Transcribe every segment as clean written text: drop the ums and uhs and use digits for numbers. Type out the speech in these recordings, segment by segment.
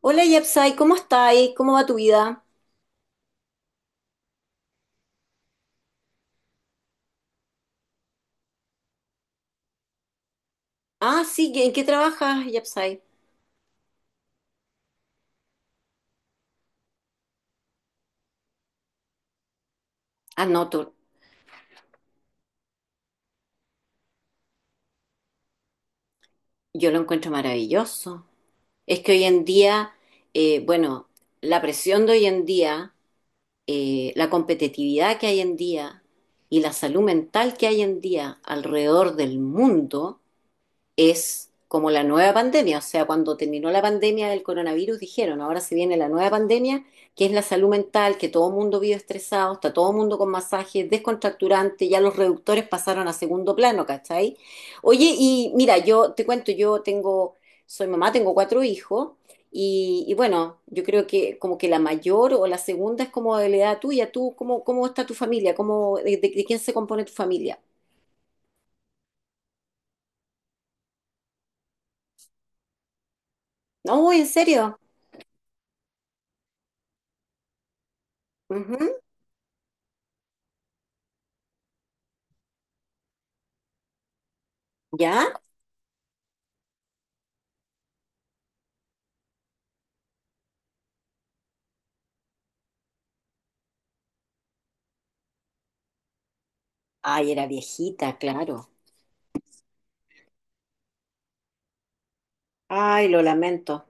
Hola Yapsai, ¿cómo estáis? ¿Cómo va tu vida? Ah, sí, ¿en qué trabajas, Yapsai? Ah, no, yo lo encuentro maravilloso. Es que hoy en día, bueno, la presión de hoy en día, la competitividad que hay en día y la salud mental que hay en día alrededor del mundo es como la nueva pandemia. O sea, cuando terminó la pandemia del coronavirus, dijeron, ahora se viene la nueva pandemia, que es la salud mental, que todo el mundo vive estresado, está todo el mundo con masajes descontracturantes, ya los reductores pasaron a segundo plano, ¿cachai? Oye, y mira, yo te cuento, soy mamá, tengo cuatro hijos. Y bueno, yo creo que como que la mayor o la segunda es como de la edad tuya. ¿Tú cómo está tu familia? ¿De quién se compone tu familia? No, ¿en serio? Ujú. ¿Ya? Ay, era viejita, claro. Ay, lo lamento.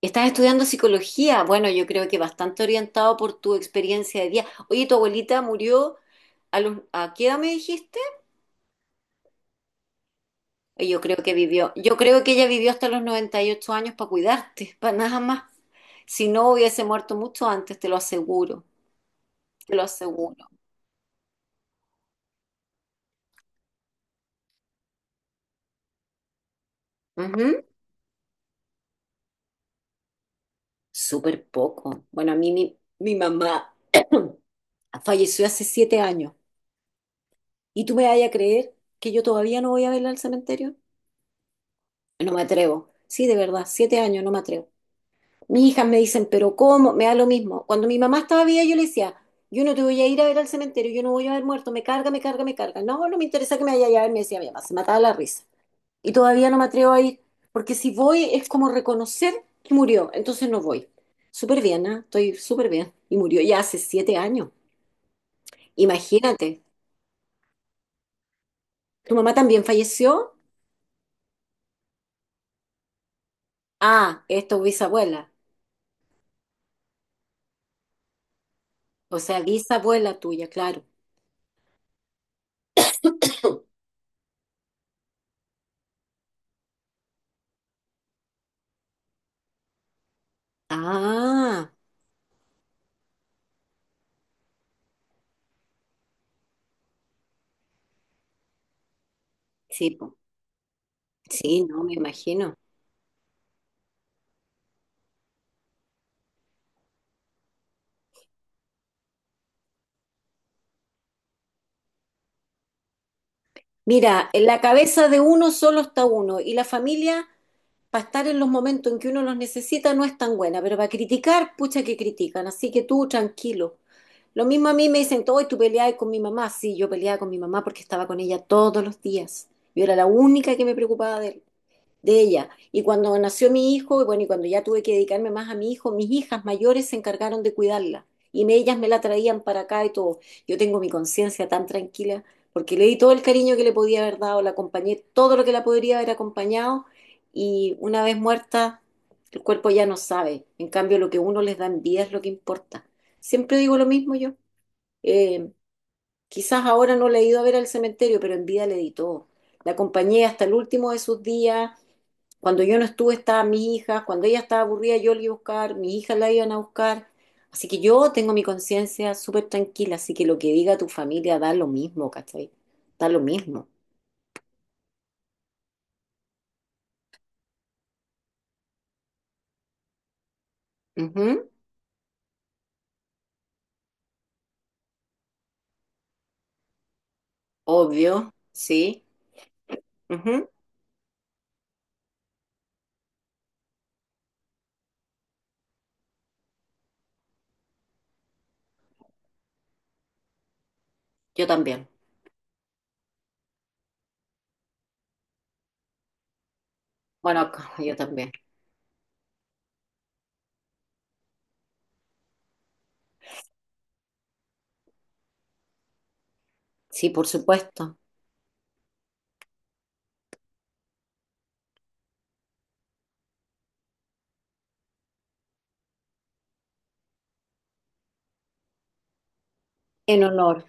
Estás estudiando psicología. Bueno, yo creo que bastante orientado por tu experiencia de vida. Oye, tu abuelita murió a los, ¿a qué edad me dijiste? Oye, yo creo que vivió, yo creo que ella vivió hasta los 98 años para cuidarte, para nada más. Si no hubiese muerto mucho antes, te lo aseguro, te lo aseguro. Ujú. Súper poco. Bueno, a mí mi mamá falleció hace 7 años. ¿Y tú me vas a creer que yo todavía no voy a verla al cementerio? No me atrevo. Sí, de verdad, 7 años, no me atrevo. Mis hijas me dicen, pero ¿cómo? Me da lo mismo. Cuando mi mamá estaba viva, yo le decía, yo no te voy a ir a ver al cementerio, yo no voy a ver muerto, me carga, me carga, me carga. No, no me interesa que me vaya a ver, me decía mi mamá, se mataba la risa. Y todavía no me atrevo a ir, porque si voy es como reconocer que murió, entonces no voy. Súper bien, ¿ah? Estoy súper bien. Y murió ya hace 7 años. Imagínate, ¿tu mamá también falleció? Ah, esto es tu bisabuela. O sea, bisabuela tuya, claro. Ah. Sí, po. Sí, no, me imagino. Mira, en la cabeza de uno solo está uno y la familia para estar en los momentos en que uno los necesita no es tan buena, pero para criticar, pucha que critican, así que tú tranquilo. Lo mismo a mí me dicen, hoy tú peleabas con mi mamá. Sí, yo peleaba con mi mamá porque estaba con ella todos los días. Yo era la única que me preocupaba de él. De ella. Y cuando nació mi hijo, y bueno, y cuando ya tuve que dedicarme más a mi hijo, mis hijas mayores se encargaron de cuidarla. Y me- ellas me la traían para acá y todo. Yo tengo mi conciencia tan tranquila porque le di todo el cariño que le podía haber dado, la acompañé todo lo que la podría haber acompañado y una vez muerta, el cuerpo ya no sabe. En cambio, lo que uno les da en vida es lo que importa. Siempre digo lo mismo yo. Eh, Quizás ahora no le he ido a ver al cementerio, pero en vida le di todo. La acompañé hasta el último de sus días. Cuando yo no estuve estaba mi hija, cuando ella estaba aburrida yo la iba a buscar, mis hijas la iban a buscar. Así que yo tengo mi conciencia súper tranquila, así que lo que diga tu familia da lo mismo, ¿cachai? Da lo mismo. Ujú. Obvio, sí. Ujú. Yo también. Bueno, acá, yo también. Sí, por supuesto. En honor.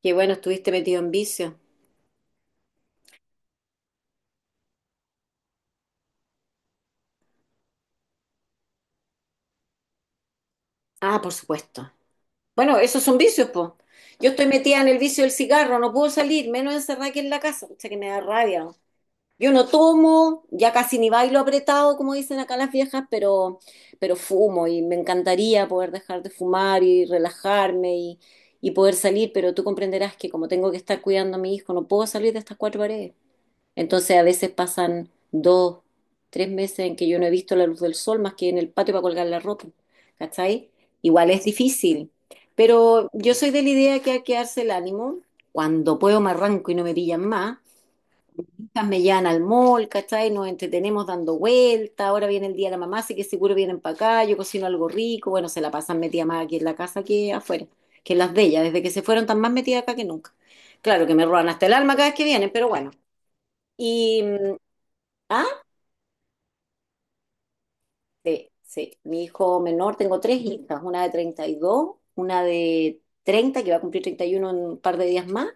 Que bueno, estuviste metido en vicio. Ah, por supuesto. Bueno, esos son vicios, po. Yo estoy metida en el vicio del cigarro, no puedo salir, menos encerrada aquí en la casa. O sea que me da rabia. Yo no tomo, ya casi ni bailo apretado, como dicen acá las viejas, pero fumo y me encantaría poder dejar de fumar y relajarme y poder salir, pero tú comprenderás que como tengo que estar cuidando a mi hijo, no puedo salir de estas cuatro paredes. Entonces a veces pasan dos, 3 meses en que yo no he visto la luz del sol más que en el patio para colgar la ropa, ¿cachai? Igual es difícil, pero yo soy de la idea que hay que darse el ánimo. Cuando puedo me arranco y no me pillan más, me llevan al mall, ¿cachai? Nos entretenemos dando vueltas, ahora viene el día de la mamá, así que seguro vienen para acá, yo cocino algo rico, bueno, se la pasan metida más aquí en la casa que afuera, que en las de ellas, desde que se fueron están más metidas acá que nunca. Claro que me roban hasta el alma cada vez que vienen, pero bueno. Y, ah, sí, sí, mi hijo menor, tengo tres hijas, una de 32, una de 30 que va a cumplir 31 en un par de días más.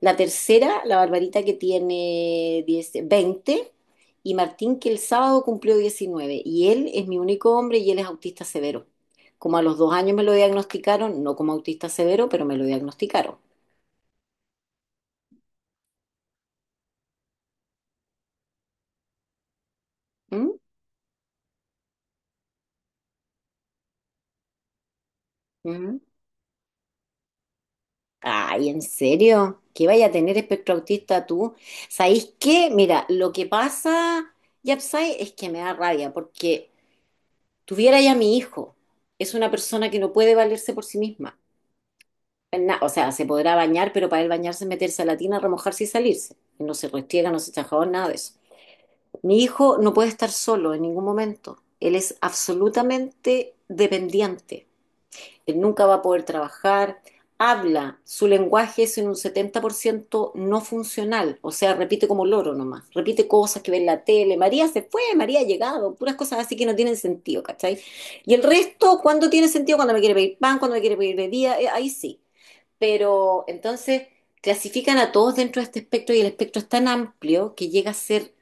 La tercera, la Barbarita que tiene 10, 20, y Martín que el sábado cumplió 19, y él es mi único hombre y él es autista severo. Como a los 2 años me lo diagnosticaron, no como autista severo, pero me lo diagnosticaron. ¿Mm? ¿Mm? Ay, ¿en serio? ¿Qué vaya a tener espectro autista tú? ¿Sabéis qué? Mira, lo que pasa, Yapsai, es que me da rabia porque tuviera ya mi hijo. Es una persona que no puede valerse por sí misma. O sea, se podrá bañar, pero para él bañarse es meterse a la tina, remojarse y salirse. No se restriega, no se echa jabón, nada de eso. Mi hijo no puede estar solo en ningún momento. Él es absolutamente dependiente. Él nunca va a poder trabajar. Habla, su lenguaje es en un 70% no funcional, o sea, repite como loro nomás, repite cosas que ve en la tele, María se fue, María ha llegado, puras cosas así que no tienen sentido, ¿cachai? Y el resto, ¿cuándo tiene sentido? Cuando me quiere pedir pan, cuando me quiere pedir bebida, ahí sí. Pero entonces clasifican a todos dentro de este espectro y el espectro es tan amplio que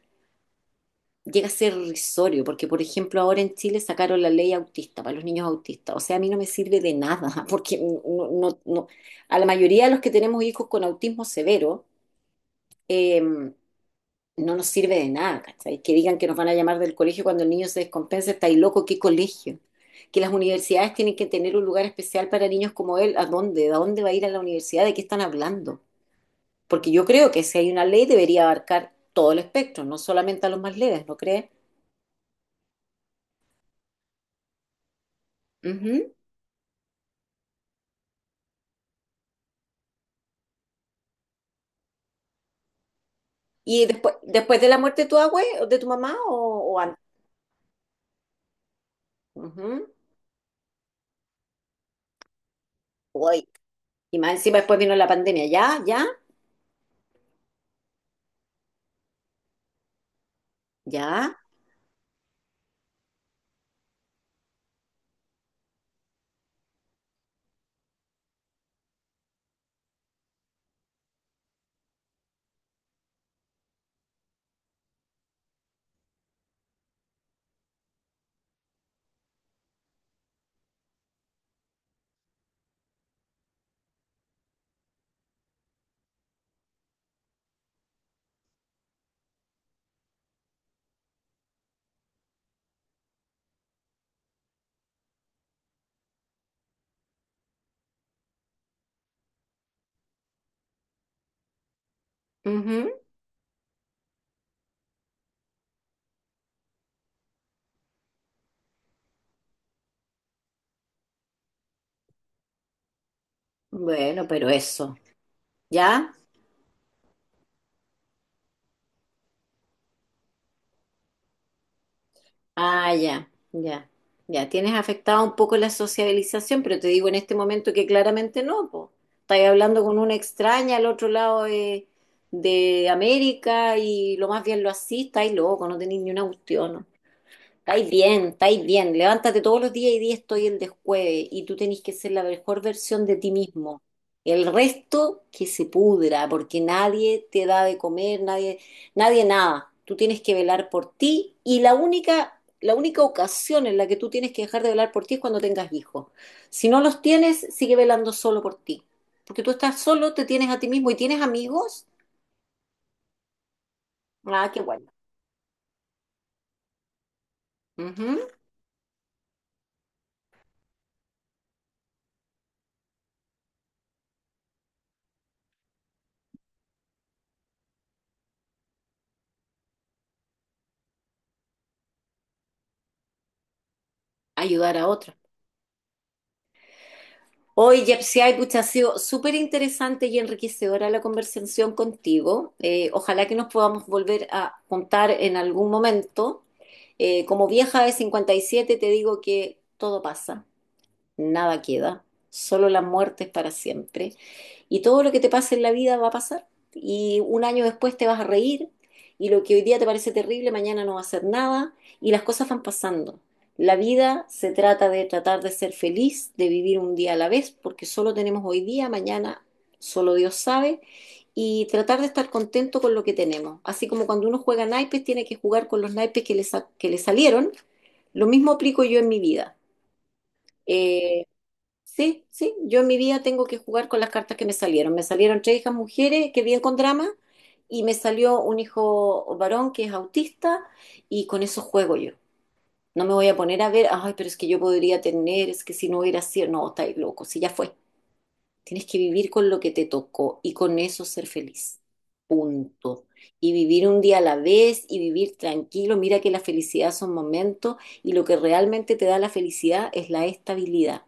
llega a ser irrisorio, porque por ejemplo ahora en Chile sacaron la ley autista para los niños autistas. O sea, a mí no me sirve de nada, porque no, a la mayoría de los que tenemos hijos con autismo severo, eh, no nos sirve de nada, ¿cachai? Que digan que nos van a llamar del colegio cuando el niño se descompensa, está ahí loco, ¿qué colegio? Que las universidades tienen que tener un lugar especial para niños como él. ¿A dónde? ¿A dónde va a ir a la universidad? ¿De qué están hablando? Porque yo creo que si hay una ley debería abarcar todo el espectro, no solamente a los más leves, ¿no crees? Ujú. Y después, después de la muerte de tu abue, o de tu mamá o antes. Ujú. Uy. Y más encima después vino la pandemia. ¿Ya? ¿Ya? ¿Ya? Ujú. Bueno, pero eso. ¿Ya? Ah, ya, ya, ya. Tienes afectado un poco la sociabilización, pero te digo en este momento que claramente no, po. Estás hablando con una extraña al otro lado de de América y lo más bien lo así, estáis loco, no tenéis ni una cuestión. ¿No? Estáis bien, estáis bien. Levántate todos los días y día estoy el descueve. Y tú tenés que ser la mejor versión de ti mismo. El resto que se pudra, porque nadie te da de comer, nadie, nadie nada. Tú tienes que velar por ti y la única ocasión en la que tú tienes que dejar de velar por ti es cuando tengas hijos. Si no los tienes, sigue velando solo por ti. Porque tú estás solo, te tienes a ti mismo y tienes amigos. Ah, qué bueno. Ujú. Ayudar a otros. Oye, Yepsiay, pucha, ha sido súper interesante y enriquecedora la conversación contigo. Ojalá que nos podamos volver a juntar en algún momento. Como vieja de 57, te digo que todo pasa, nada queda, solo la muerte es para siempre. Y todo lo que te pase en la vida va a pasar. Y un año después te vas a reír y lo que hoy día te parece terrible, mañana no va a ser nada y las cosas van pasando. La vida se trata de tratar de ser feliz, de vivir un día a la vez, porque solo tenemos hoy día, mañana solo Dios sabe, y tratar de estar contento con lo que tenemos. Así como cuando uno juega naipes, tiene que jugar con los naipes que le, que le salieron, lo mismo aplico yo en mi vida. Eh, Sí, sí, yo en mi vida tengo que jugar con las cartas que me salieron. Me salieron tres hijas mujeres que viven con drama y me salió un hijo varón que es autista y con eso juego yo. No me voy a poner a ver, ay, pero es que yo podría tener, es que si no hubiera sido, no, estáis loco, si ya fue. Tienes que vivir con lo que te tocó y con eso ser feliz. Punto. Y vivir un día a la vez y vivir tranquilo. Mira que la felicidad son momentos y lo que realmente te da la felicidad es la estabilidad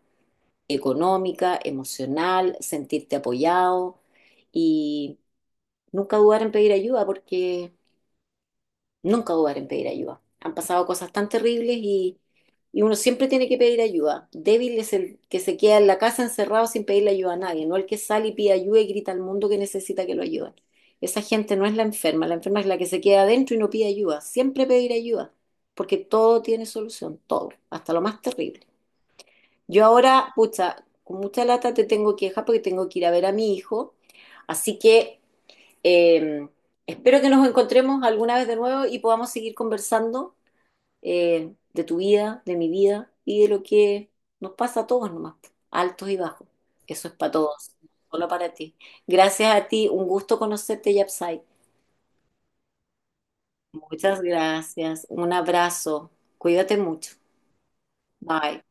económica, emocional, sentirte apoyado y nunca dudar en pedir ayuda porque nunca dudar en pedir ayuda. Han pasado cosas tan terribles y uno siempre tiene que pedir ayuda. Débil es el que se queda en la casa encerrado sin pedirle ayuda a nadie, no el que sale y pide ayuda y grita al mundo que necesita que lo ayuden. Esa gente no es la enferma es la que se queda adentro y no pide ayuda. Siempre pedir ayuda, porque todo tiene solución, todo, hasta lo más terrible. Yo ahora, pucha, con mucha lata te tengo que dejar porque tengo que ir a ver a mi hijo. Así que eh, espero que nos encontremos alguna vez de nuevo y podamos seguir conversando, de tu vida, de mi vida y de lo que nos pasa a todos nomás, altos y bajos. Eso es para todos, no solo para ti. Gracias a ti, un gusto conocerte, Yapsai. Muchas gracias, un abrazo, cuídate mucho. Bye.